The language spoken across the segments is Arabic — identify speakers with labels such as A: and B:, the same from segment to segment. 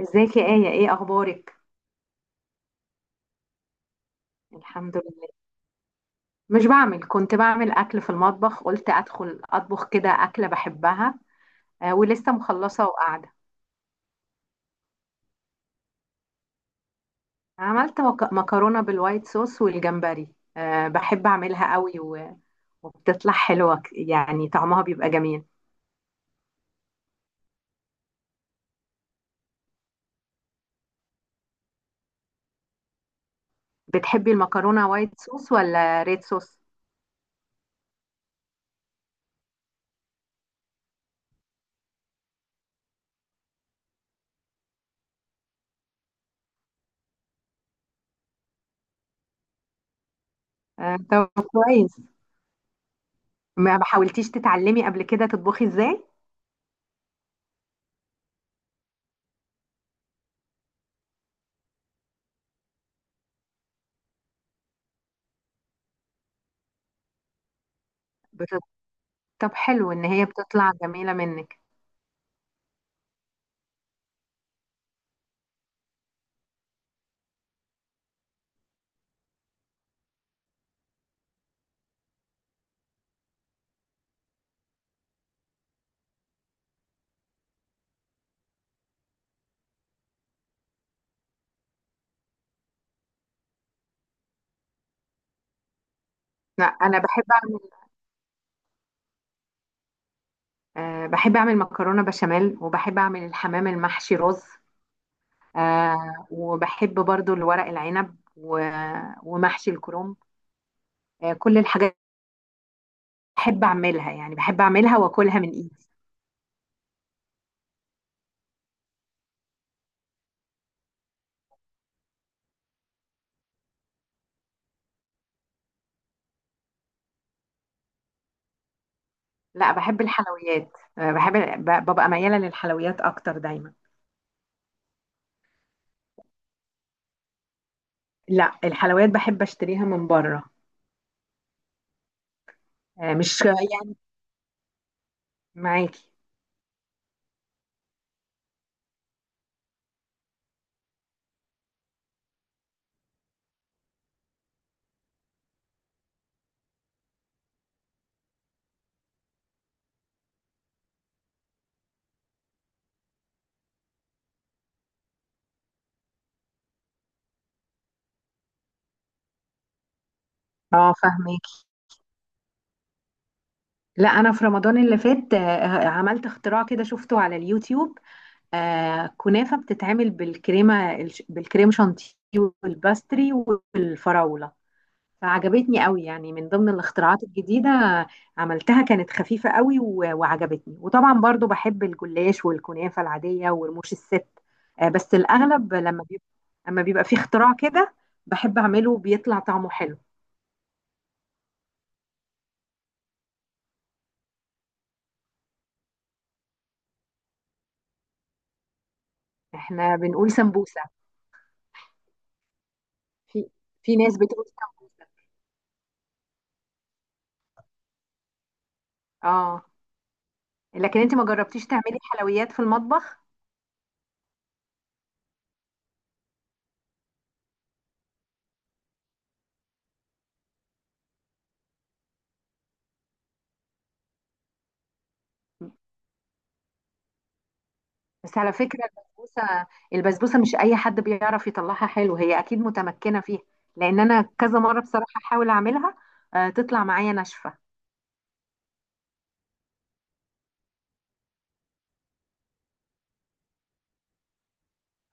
A: ازيك يا آية؟ ايه اخبارك؟ الحمد لله. مش بعمل، كنت بعمل اكل في المطبخ، قلت ادخل اطبخ كده اكلة بحبها. آه ولسه مخلصة وقاعدة. عملت مكرونة بالوايت صوص والجمبري. آه بحب اعملها قوي وبتطلع حلوة، يعني طعمها بيبقى جميل. بتحبي المكرونة وايت صوص ولا ريد صوص؟ آه طب كويس. ما حاولتيش تتعلمي قبل كده تطبخي ازاي؟ بت- طب حلو ان هي بتطلع جميلة منك. لا انا بحب. أه بحب أعمل مكرونة بشاميل، وبحب أعمل الحمام المحشي رز. أه وبحب برضو الورق العنب ومحشي الكرنب. أه كل الحاجات بحب أعملها، يعني بحب أعملها وأكلها من إيدي. لا بحب الحلويات. أه بحب، ببقى ميالة للحلويات أكتر دايما. لا الحلويات بحب أشتريها من بره. أه مش يعني معاكي. اه فاهمك. لا انا في رمضان اللي فات آه، عملت اختراع كده شفته على اليوتيوب. آه كنافة بتتعمل بالكريمة بالكريم شانتيه، والباستري، والفراولة. فعجبتني قوي، يعني من ضمن الاختراعات الجديدة. عملتها كانت خفيفة قوي وعجبتني، وطبعا برضو بحب الجلاش والكنافة العادية ورموش الست. آه بس الأغلب لما بيبقى، لما بيبقى في اختراع كده بحب أعمله بيطلع طعمه حلو. احنا بنقول سمبوسة. في في ناس بتقول سمبوسة. اه لكن انت ما جربتيش تعملي حلويات في المطبخ؟ بس على فكرة البسبوسة، البسبوسة مش أي حد بيعرف يطلعها حلو، هي أكيد متمكنة فيها. لأن أنا كذا مرة بصراحة أحاول أعملها آه، تطلع معايا ناشفة.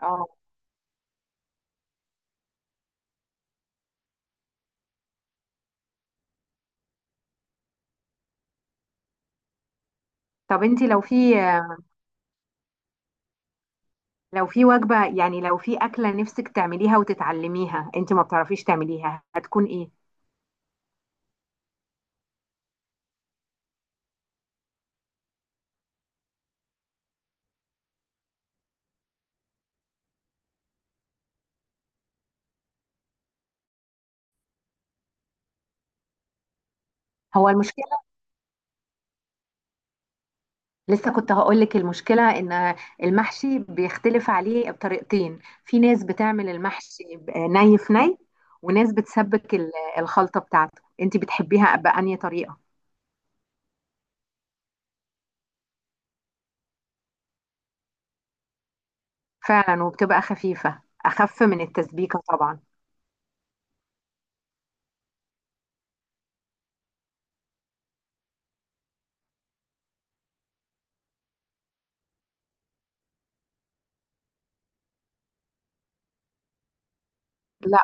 A: اه طب أنت لو في، لو في وجبة، يعني لو في أكلة نفسك تعمليها وتتعلميها أنت ما بتعرفيش تعمليها، هتكون إيه؟ هو المشكلة، لسه كنت هقول لك المشكلة إن المحشي بيختلف عليه بطريقتين. في ناس بتعمل المحشي ني في ني، وناس بتسبك الخلطة بتاعته. أنت بتحبيها بأنهي طريقة؟ فعلا وبتبقى خفيفة، أخف من التسبيكة طبعا. لا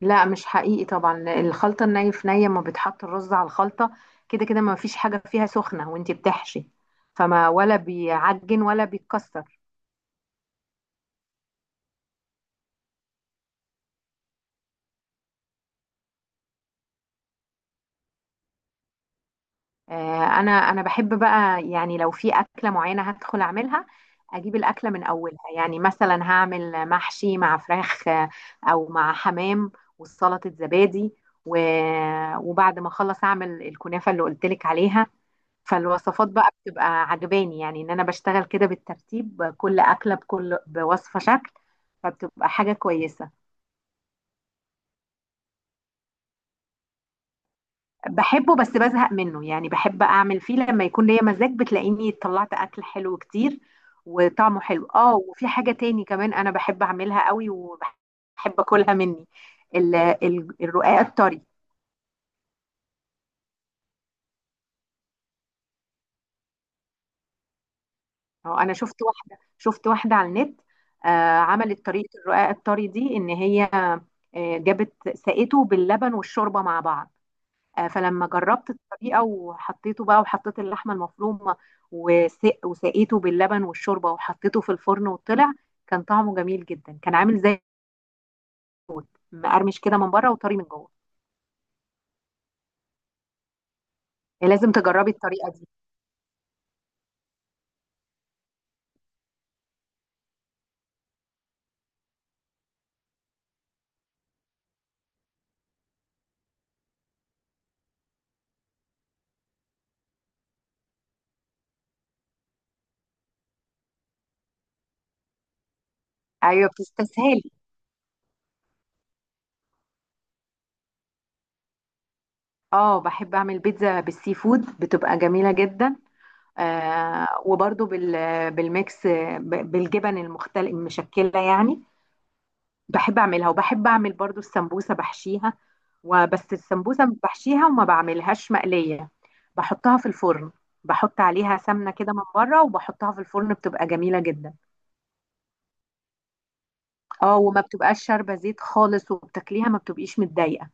A: لا مش حقيقي طبعا. الخلطة الني في نية ما بتحط الرز على الخلطة. كده كده ما فيش حاجة فيها سخنة وانتي بتحشي، فما ولا بيعجن ولا بيتكسر. آه، انا بحب بقى، يعني لو في أكلة معينة هدخل اعملها، اجيب الأكلة من اولها. يعني مثلا هعمل محشي مع فراخ آه، او مع حمام، وسلطة زبادي، وبعد ما اخلص اعمل الكنافة اللي قلتلك عليها. فالوصفات بقى بتبقى عجباني، يعني ان انا بشتغل كده بالترتيب كل اكله بكل بوصفه شكل، فبتبقى حاجه كويسه. بحبه بس بزهق منه، يعني بحب اعمل فيه لما يكون ليا مزاج، بتلاقيني طلعت اكل حلو كتير وطعمه حلو. اه وفي حاجه تاني كمان انا بحب اعملها قوي وبحب اكلها مني، الرقاق الطري. هو انا شفت واحده، شفت واحده على النت آه، عملت طريقه الرقاق الطري دي ان هي آه جابت سقته باللبن والشوربه مع بعض. آه فلما جربت الطريقه وحطيته بقى، وحطيت اللحمه المفرومه، وسق وسقيته باللبن والشوربه وحطيته في الفرن، وطلع كان طعمه جميل جدا. كان عامل زي مقرمش كده من بره وطري من جوه. إيه، لازم تجربي الطريقه دي. ايوه بتستسهلي. اه بحب اعمل بيتزا بالسي فود بتبقى جميله جدا. آه وبرضو بال، بالميكس آه، بالجبن المختل المشكلة يعني. بحب اعملها، وبحب اعمل برضو السمبوسة بحشيها، وبس السمبوسة بحشيها وما بعملهاش مقلية، بحطها في الفرن، بحط عليها سمنة كده من بره وبحطها في الفرن، بتبقى جميلة جدا. اه وما بتبقاش شاربة زيت خالص، وبتاكليها ما بتبقيش متضايقة.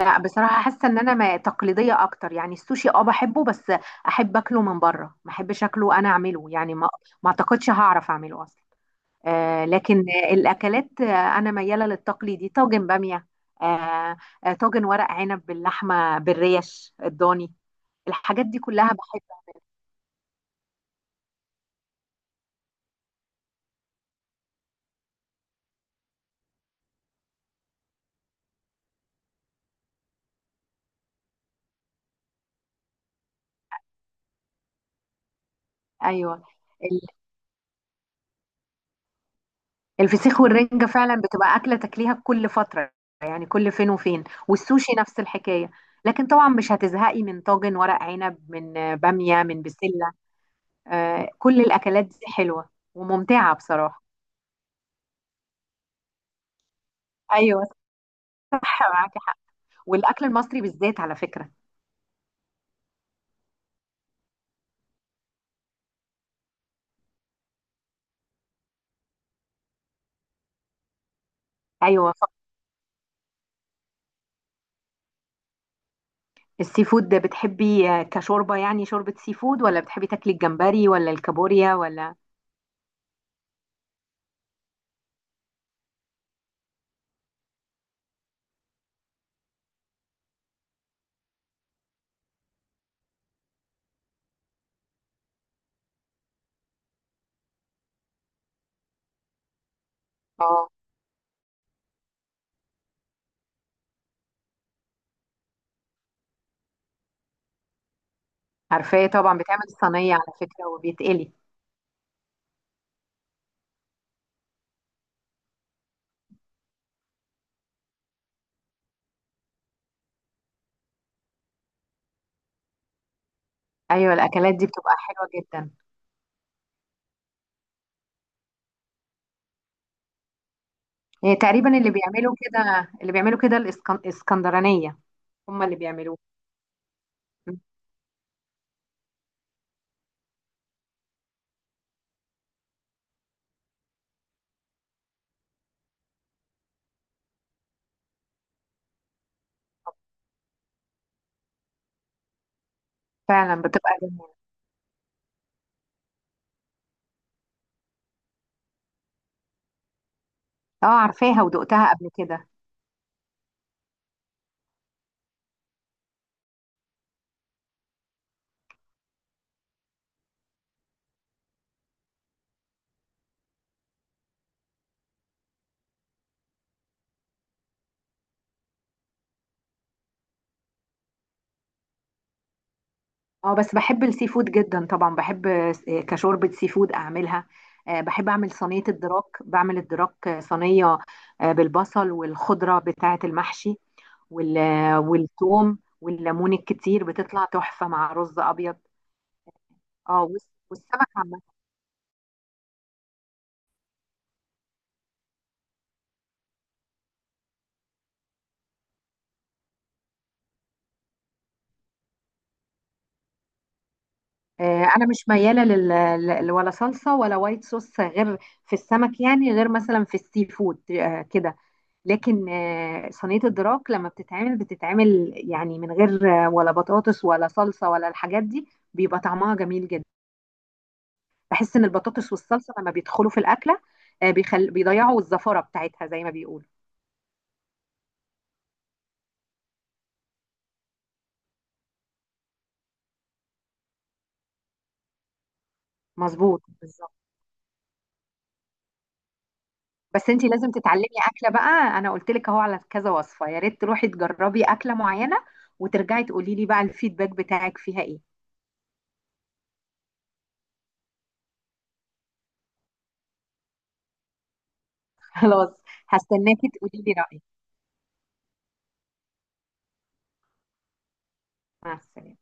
A: لا بصراحة حاسة ان انا تقليدية اكتر. يعني السوشي اه بحبه، بس احب اكله من بره، ما احبش اكله انا اعمله، يعني ما، ما اعتقدش هعرف اعمله اصلا. آه لكن الاكلات، آه انا ميالة للتقليدي، طاجن بامية آه، آه، طاجن ورق عنب باللحمة بالريش الضاني، الحاجات دي كلها بحبها. ايوه الفسيخ والرنجة فعلا بتبقى أكلة تاكليها كل فترة، يعني كل فين وفين، والسوشي نفس الحكاية. لكن طبعا مش هتزهقي من طاجن ورق عنب، من آه، بامية، من بسلة. آه، كل الأكلات دي حلوة وممتعة بصراحة. أيوة صح معاكي حق، والأكل المصري بالذات على فكرة. أيوة السي فود ده بتحبي آه، كشوربة يعني شوربة سي فود، ولا بتحبي تاكلي الجمبري ولا الكابوريا ولا؟ اه عارفاه طبعا، بتعمل الصينية على فكرة وبيتقلي. أيوة الأكلات دي بتبقى حلوة جدا. يعني تقريبا اللي بيعملوا كده، اللي بيعملوا كده الاسكندرانية، هم اللي بيعملوه. فعلا بتبقى جميلة. اه عارفاها ودقتها قبل كده. اه بس بحب السي فود جدا طبعا، بحب آه، كشوربة سي فود اعملها. آه، بحب اعمل صينية الدراك، بعمل الدراك آه، صينية آه، بالبصل والخضرة بتاعة المحشي، آه، والثوم والليمون الكتير، بتطلع تحفة مع رز ابيض. اه والسمك عامة. آه، انا مش مياله لل، ولا صلصه ولا وايت صوص، غير في السمك، يعني غير مثلا في السي فود آه، كده. لكن آه، صينيه الدراك لما بتتعمل، بتتعمل يعني من غير آه، ولا بطاطس ولا صلصه ولا الحاجات دي، بيبقى طعمها جميل جدا. بحس ان البطاطس والصلصه لما بيدخلوا في الاكله آه، بيخل، بيضيعوا الزفره بتاعتها زي ما بيقولوا. مظبوط بالظبط. بس انتي لازم تتعلمي اكله بقى، انا قلت لك اهو على كذا وصفه، يا ريت تروحي تجربي اكله معينه وترجعي تقولي لي بقى الفيدباك بتاعك فيها ايه. خلاص، هستناكي تقولي لي رايك. مع السلامه.